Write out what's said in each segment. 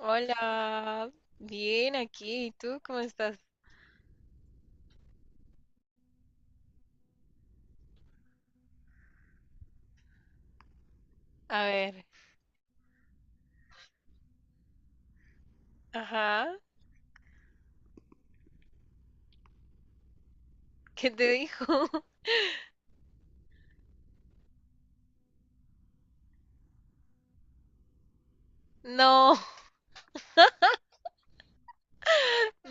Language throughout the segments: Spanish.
Hola, bien aquí. ¿Y tú cómo estás? A ver, ajá, ¿qué te dijo? No,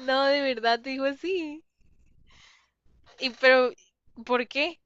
no, de verdad te dijo así. ¿Y pero por qué?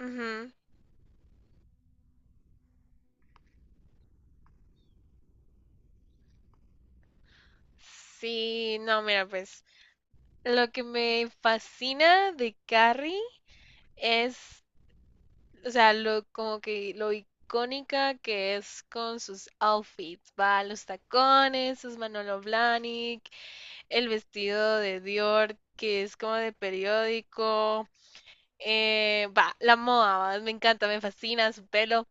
Ujú. Sí, no, mira, pues lo que me fascina de Carrie es, o sea, lo como que lo icónica que es con sus outfits, va, los tacones, sus Manolo Blahnik, el vestido de Dior, que es como de periódico. Va, la moda, va, me encanta, me fascina su pelo,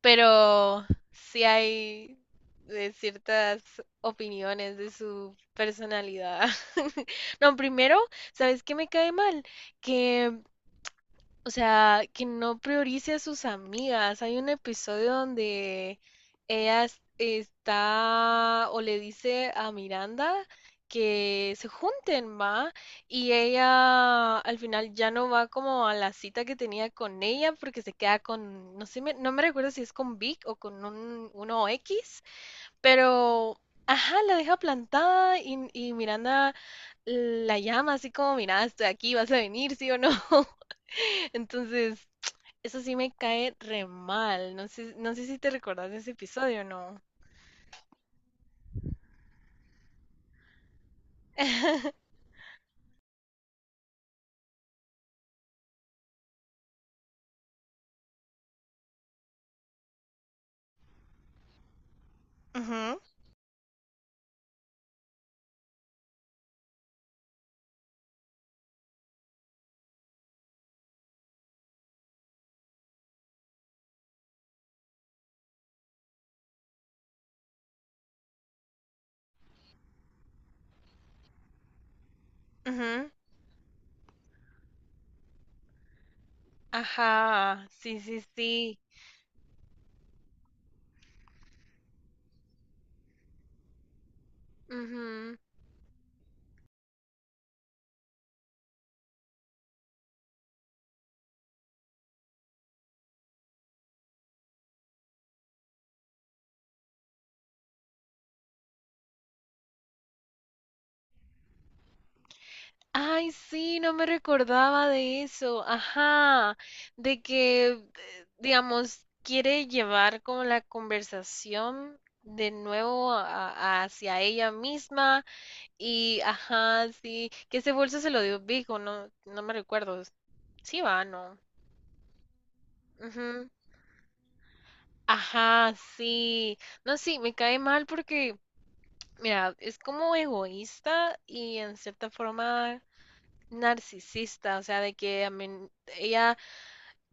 pero sí hay de ciertas opiniones de su personalidad. No, primero, ¿sabes qué me cae mal? Que O sea, que no priorice a sus amigas. Hay un episodio donde ella es- está o le dice a Miranda que se junten, va, y ella al final ya no va como a la cita que tenía con ella porque se queda con, no sé, no me recuerdo si es con Vic o con uno X, pero, ajá, la deja plantada y Miranda la llama así como, mira, estoy aquí, vas a venir, sí o no. Entonces, eso sí me cae re mal. No sé, si te recordás de ese episodio o no. Ujú, ujú. Ajá, sí, sí, sí. Ujú. Ay, sí, no me recordaba de eso. Ajá, de que, digamos, quiere llevar como la conversación de nuevo hacia ella misma. Y, ajá, sí, que ese bolso se lo dio Vigo, no, no me recuerdo. Sí, va, no. Ujú. Ajá, sí. No, sí, me cae mal porque, mira, es como egoísta y en cierta forma narcisista, o sea, de que ella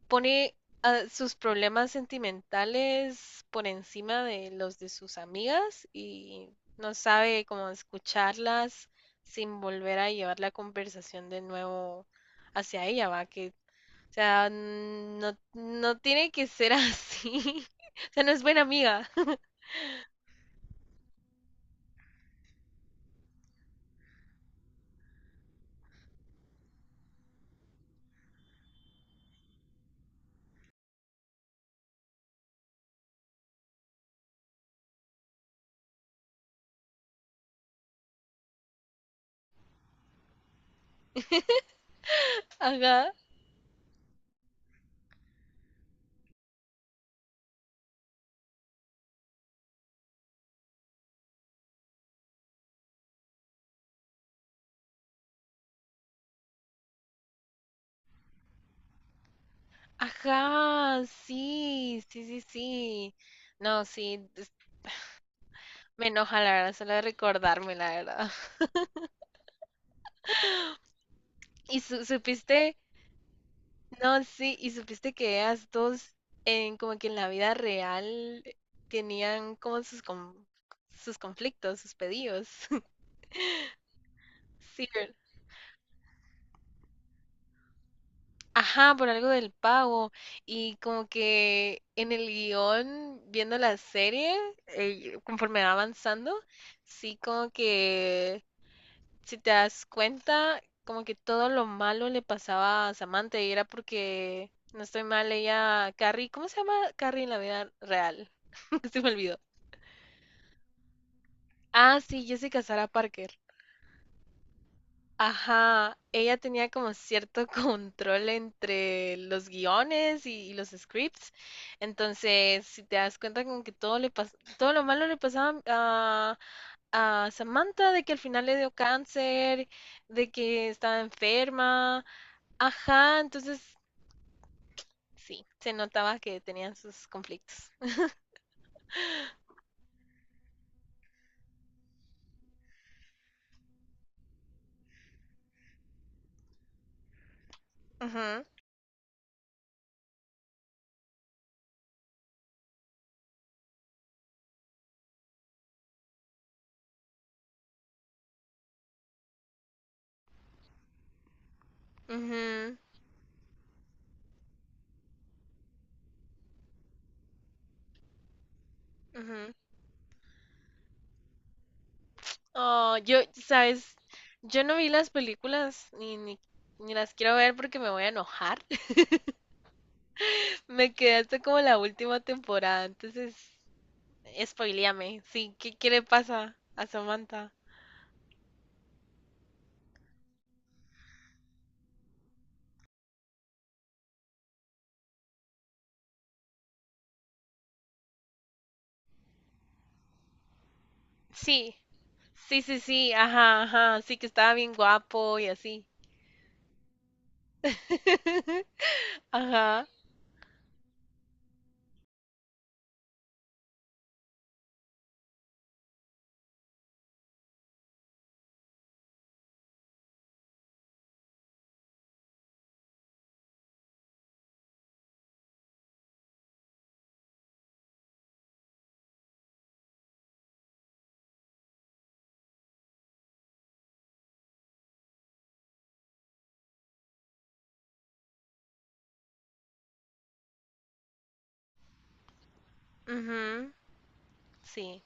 pone, sus problemas sentimentales por encima de los de sus amigas y no sabe cómo escucharlas sin volver a llevar la conversación de nuevo hacia ella, va, que, o sea, no, no tiene que ser así. O sea, no es buena amiga. Ajá. Ajá, sí, sí, sí, sí. No, sí, me enoja la verdad, solo de recordarme la verdad. ¿Y supiste? No, sí, y supiste que ellas dos, en, como que en la vida real, tenían como sus conflictos, sus pedidos. Sí, ¿verdad? Ajá, por algo del pago. Y como que en el guión, viendo la serie, conforme va avanzando, sí, como que si te das cuenta, como que todo lo malo le pasaba a Samantha y era porque, no estoy mal, ella, Carrie, ¿cómo se llama Carrie en la vida real? Se me olvidó. Ah, sí, Jessica Sarah Parker. Ajá, ella tenía como cierto control entre los guiones y los scripts. Entonces, si te das cuenta como que todo lo malo le pasaba a, Samantha, de que al final le dio cáncer, de que estaba enferma. Ajá, entonces sí, se notaba que tenían sus conflictos. Ujú, ujú, ujú. Oh, sabes, yo no vi las películas ni las quiero ver porque me voy a enojar. Me quedé hasta como la última temporada, entonces spoileame. Sí, ¿qué, qué le pasa a Samantha? Sí, sí, sí, sí, ajá, ajá, sí que estaba bien guapo y así. Ajá, mhm, sí.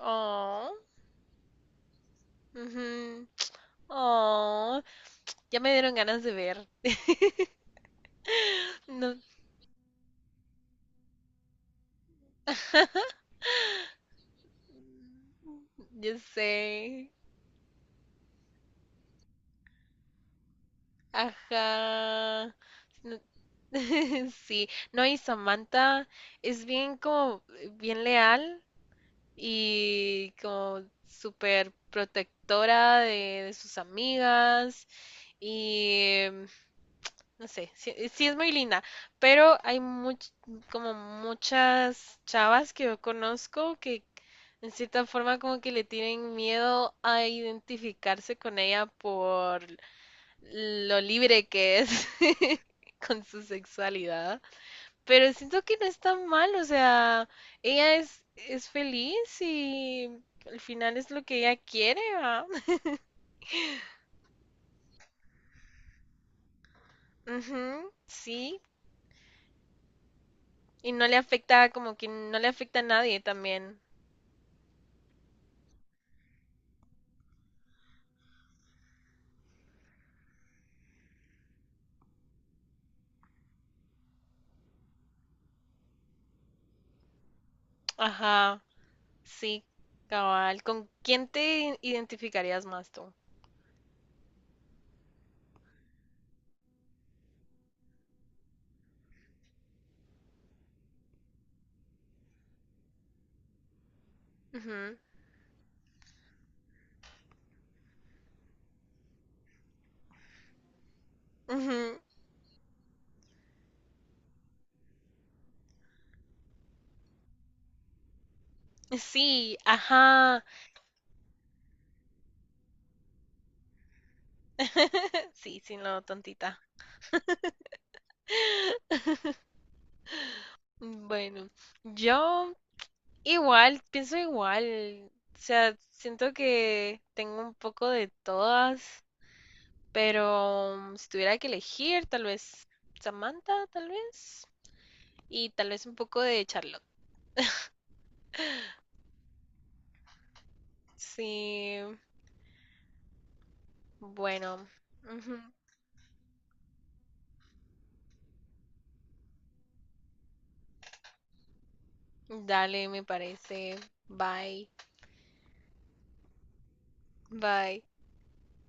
Oh. Ujú. Oh, ya me dieron ganas de ver. No, yo sé. Ajá. No. Sí, no, y Samantha es bien leal y como súper protectora de sus amigas y no sé, sí, sí es muy linda, pero hay como muchas chavas que yo conozco que en cierta forma, como que le tienen miedo a identificarse con ella por lo libre que es con su sexualidad. Pero siento que no es tan mal, o sea, ella es feliz y al final es lo que ella quiere, ¿va? Ujú, sí. Y no le afecta, como que no le afecta a nadie también. Ajá, sí, cabal. ¿Con quién te identificarías más tú? Ujú, ujú. Sí, ajá. Sí, sí, no, tontita. Bueno, yo igual, pienso igual. O sea, siento que tengo un poco de todas, pero mm, si tuviera que elegir, tal vez Samantha, tal vez. Y tal vez un poco de Charlotte. Sí, bueno. Ujú. Dale, me parece. Bye. Bye.